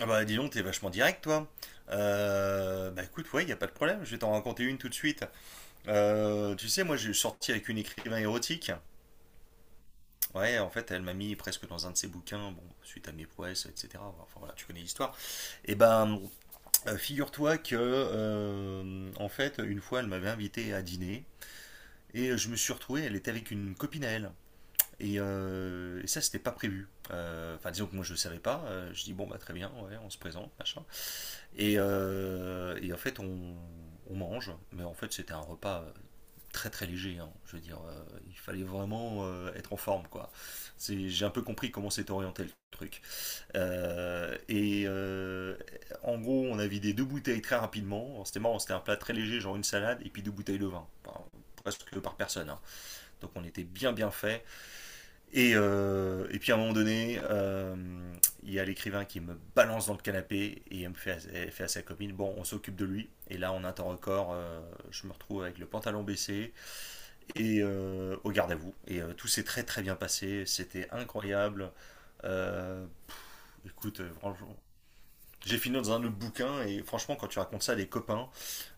Ah bah dis donc, t'es vachement direct toi. Bah écoute, ouais, y a pas de problème, je vais t'en raconter une tout de suite. Tu sais, moi j'ai sorti avec une écrivain érotique. Ouais, en fait, elle m'a mis presque dans un de ses bouquins, bon, suite à mes prouesses, etc. Enfin voilà, tu connais l'histoire. Et ben, figure-toi que, en fait, une fois, elle m'avait invité à dîner, et je me suis retrouvé, elle était avec une copine à elle. Et ça, c'était pas prévu. Enfin, disons que moi, je savais pas. Je dis, bon, bah très bien, ouais, on se présente, machin. Et en fait, on mange, mais en fait, c'était un repas très très léger, hein. Je veux dire, il fallait vraiment être en forme, quoi. J'ai un peu compris comment s'est orienté le truc. Euh, et euh, en gros, on a vidé deux bouteilles très rapidement. Alors, c'était marrant, c'était un plat très léger, genre une salade, et puis deux bouteilles de vin. Enfin, presque par personne, hein. Donc on était bien bien fait. Et puis à un moment donné, il y a l'écrivain qui me balance dans le canapé et elle me fait, elle fait à sa copine, bon, on s'occupe de lui. Et là, on en un temps record, je me retrouve avec le pantalon baissé et au garde à vous. Et tout s'est très très bien passé, c'était incroyable. Euh, écoute, franchement, j'ai fini dans un autre bouquin et franchement, quand tu racontes ça à des copains,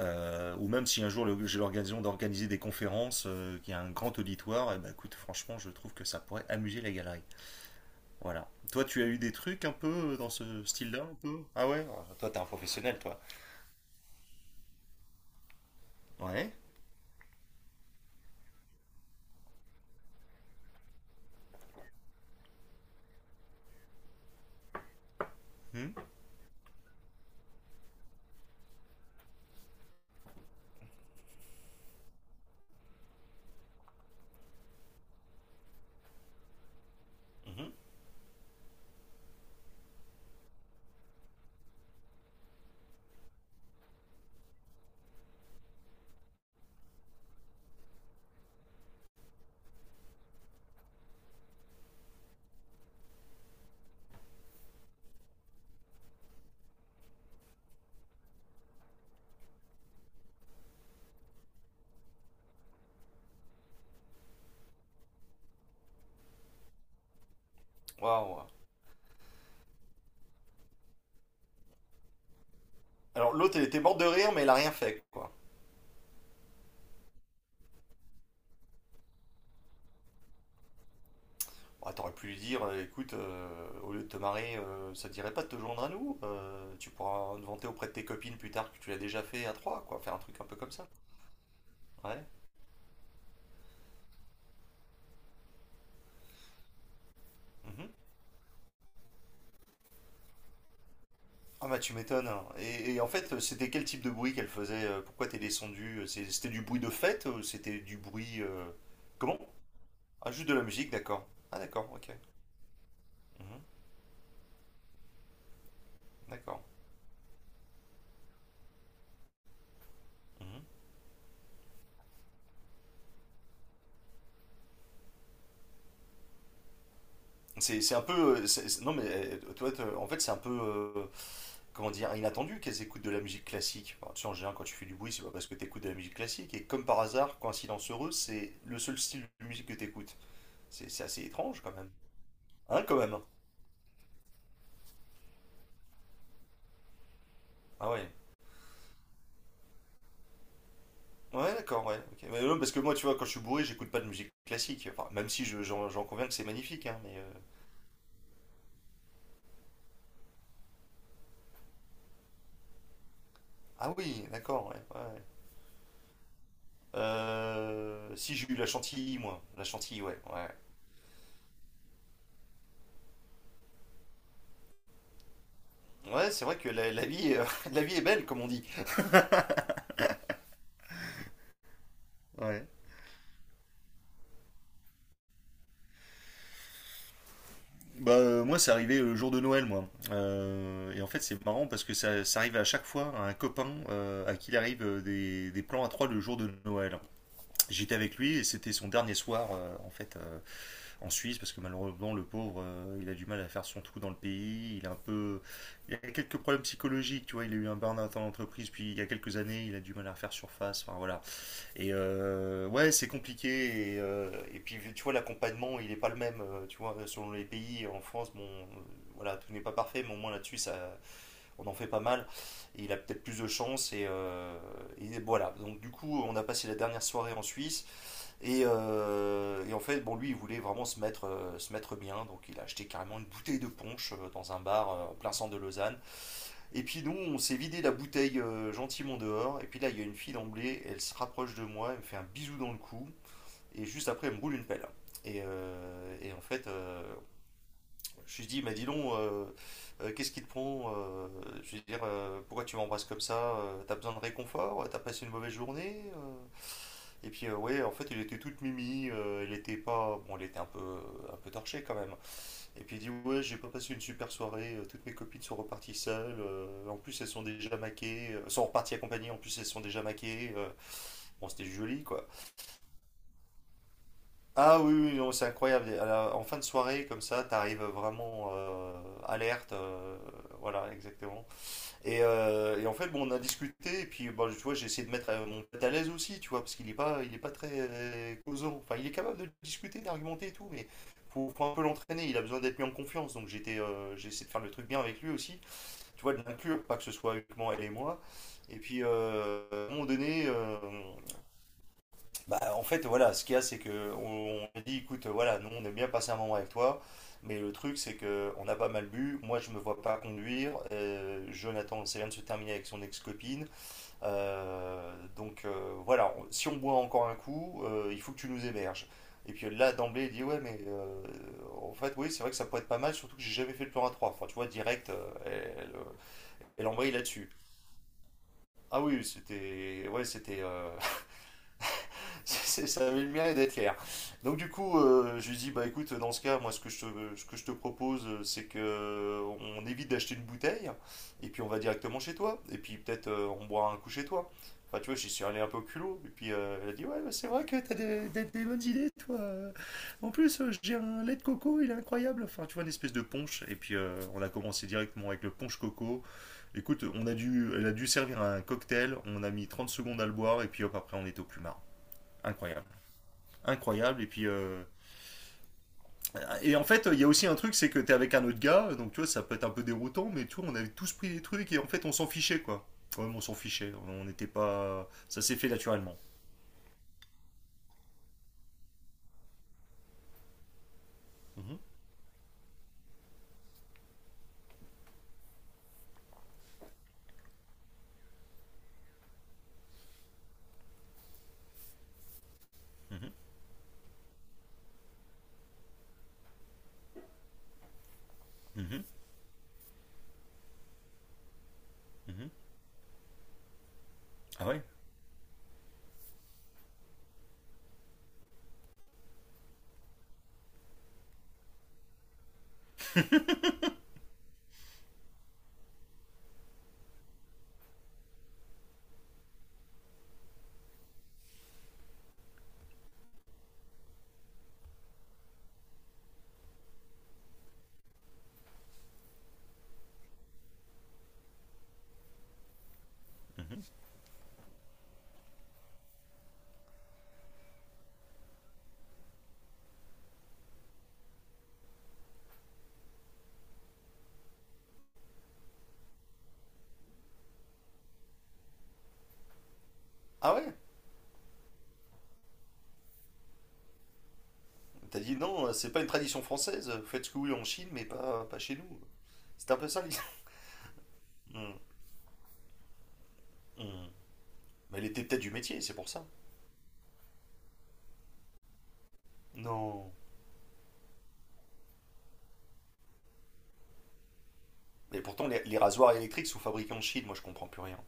ou même si un jour j'ai l'occasion d'organiser des conférences, qu'il y a un grand auditoire, eh ben, écoute, franchement, je trouve que ça pourrait amuser la galerie. Voilà. Toi, tu as eu des trucs un peu dans ce style-là, un peu? Ah ouais. Toi, t'es un professionnel, toi. Ouais. Hmm. Mhm. Waouh. Alors, l'autre, elle était morte de rire, mais elle a rien fait, quoi. Bah, t'aurais pu lui dire, écoute, au lieu de te marrer, ça te dirait pas de te joindre à nous? Tu pourras te vanter auprès de tes copines plus tard que tu l'as déjà fait à trois, quoi. Faire un truc un peu comme ça. Ouais. Mhm. Ah bah tu m'étonnes, hein. Et en fait, c'était quel type de bruit qu'elle faisait? Pourquoi t'es descendu? C'était du bruit de fête ou c'était du bruit... Comment? Ah, juste de la musique, d'accord. Ah, d'accord, ok. Mhm, d'accord. Mhm. C'est un peu, non, mais en fait, c'est un peu, comment dire? Inattendu qu'elles écoutent de la musique classique. Enfin, tu sais, en général, quand tu fais du bruit, c'est pas parce que t'écoutes de la musique classique. Et comme par hasard, coïncidence heureuse, c'est le seul style de musique que t'écoutes. C'est assez étrange quand même. Hein, quand même. Ah ouais. Ouais, d'accord, ouais, ok. Mais non, parce que moi, tu vois, quand je suis bourré, j'écoute pas de musique classique. Enfin, même si j'en conviens que c'est magnifique, hein, mais. Ah oui, d'accord, ouais, ouais. Si j'ai eu la chantilly, moi. La chantilly, ouais. Ouais, ouais c'est vrai que la vie, la vie est belle, comme on dit. Ouais. Bah, moi, c'est arrivé le jour de Noël, moi. Et en fait, c'est marrant parce que ça arrive à chaque fois à un copain à qui il arrive des plans à trois le jour de Noël. J'étais avec lui et c'était son dernier soir en fait en Suisse parce que malheureusement le pauvre il a du mal à faire son trou dans le pays. Il a un peu, il a quelques problèmes psychologiques, tu vois. Il a eu un burn-out en entreprise, puis il y a quelques années il a du mal à refaire surface. Enfin voilà. Et ouais, c'est compliqué. Et puis, tu vois, l'accompagnement, il n'est pas le même. Tu vois, selon les pays, en France, bon, voilà, tout n'est pas parfait, mais au moins là-dessus, ça, on en fait pas mal. Et il a peut-être plus de chance. Et voilà. Donc, du coup, on a passé la dernière soirée en Suisse. Et en fait, bon, lui, il voulait vraiment se mettre bien. Donc, il a acheté carrément une bouteille de punch dans un bar en plein centre de Lausanne. Et puis nous, on s'est vidé la bouteille gentiment dehors. Et puis là, il y a une fille d'emblée, elle se rapproche de moi, elle me fait un bisou dans le cou. Et juste après, elle me roule une pelle. Et, je lui dis, mais dis donc, qu'est-ce qui te prend? Je veux dire, pourquoi tu m'embrasses comme ça? T'as besoin de réconfort? T'as passé une mauvaise journée? Et puis, ouais, en fait, elle était toute mimi. Elle était pas. Bon, elle était un peu torchée quand même, hein. Et puis il dit, ouais, j'ai pas passé une super soirée, toutes mes copines sont reparties seules, en plus elles sont déjà maquées, sont reparties accompagnées, en plus elles sont déjà maquées, bon c'était joli quoi. Ah oui, oui, non, c'est incroyable. En fin de soirée comme ça, t'arrives vraiment alerte, voilà, exactement. Et en fait, bon, on a discuté, et puis bon, tu vois, j'ai essayé de mettre mon pote à l'aise aussi, tu vois, parce qu'il n'est pas, il est pas très causant. Enfin, il est capable de discuter, d'argumenter et tout, mais faut, faut un peu l'entraîner, il a besoin d'être mis en confiance. Donc j'étais, j'ai essayé de faire le truc bien avec lui aussi, tu vois, de l'inclure, pas que ce soit uniquement elle et moi. Et puis, à un moment donné, bah, en fait, voilà, ce qu'il y a, c'est que on dit, écoute, voilà, nous, on aime bien passer un moment avec toi, mais le truc, c'est que on a pas mal bu. Moi, je me vois pas conduire. Jonathan, ça vient de se terminer avec son ex-copine. Voilà, si on boit encore un coup, il faut que tu nous héberges. Et puis là, d'emblée, il dit, ouais, mais en fait, oui, c'est vrai que ça pourrait être pas mal, surtout que j'ai jamais fait le plan à 3. Enfin, tu vois, direct, elle embraye là-dessus. Ah oui, c'était, ouais, c'était, ça avait le mérite d'être clair. Donc du coup, je lui dis, bah écoute, dans ce cas, moi ce que je te, ce que je te propose, c'est que on évite d'acheter une bouteille, et puis on va directement chez toi, et puis peut-être on boira un coup chez toi. Enfin tu vois, j'y suis allé un peu au culot, et puis elle a dit, ouais, bah, c'est vrai que t'as des bonnes idées, toi. En plus, j'ai un lait de coco, il est incroyable. Enfin tu vois, une espèce de punch, et puis on a commencé directement avec le punch coco. Écoute, on a dû, elle a dû servir un cocktail, on a mis 30 secondes à le boire, et puis hop, après on était au plumard. Incroyable. Incroyable. Et puis, et en fait, il y a aussi un truc, c'est que t'es avec un autre gars, donc tu vois, ça peut être un peu déroutant, mais tu vois, on avait tous pris des trucs et en fait, on s'en fichait, quoi. Quand même, on s'en fichait. On n'était pas. Ça s'est fait naturellement. Mhm, mhm, mhm, mhm. Ah ouais mhm. Ah ouais. T'as dit non, c'est pas une tradition française. Vous faites ce que vous voulez en Chine, mais pas, pas chez nous. C'était un peu ça l'idée. Mhm, mhm. Mais elle était peut-être du métier, c'est pour ça. Non. Mais pourtant, les rasoirs électriques sont fabriqués en Chine, moi je comprends plus rien.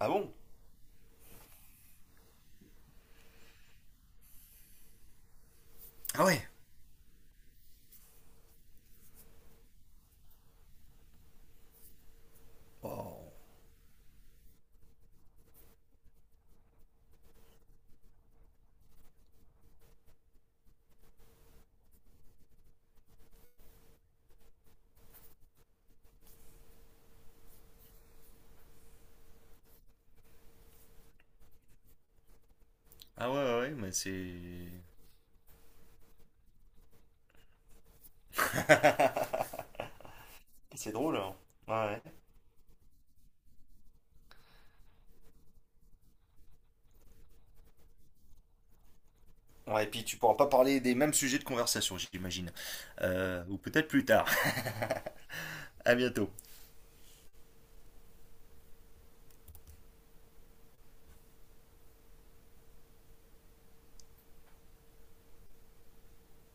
Ah bon? Ah ouais. Oh. Ah ouais, ouais, ouais, mais c'est. C'est drôle, hein. Ouais. Ouais. Ouais, et puis tu pourras pas parler des mêmes sujets de conversation, j'imagine. Ou peut-être plus tard. À bientôt.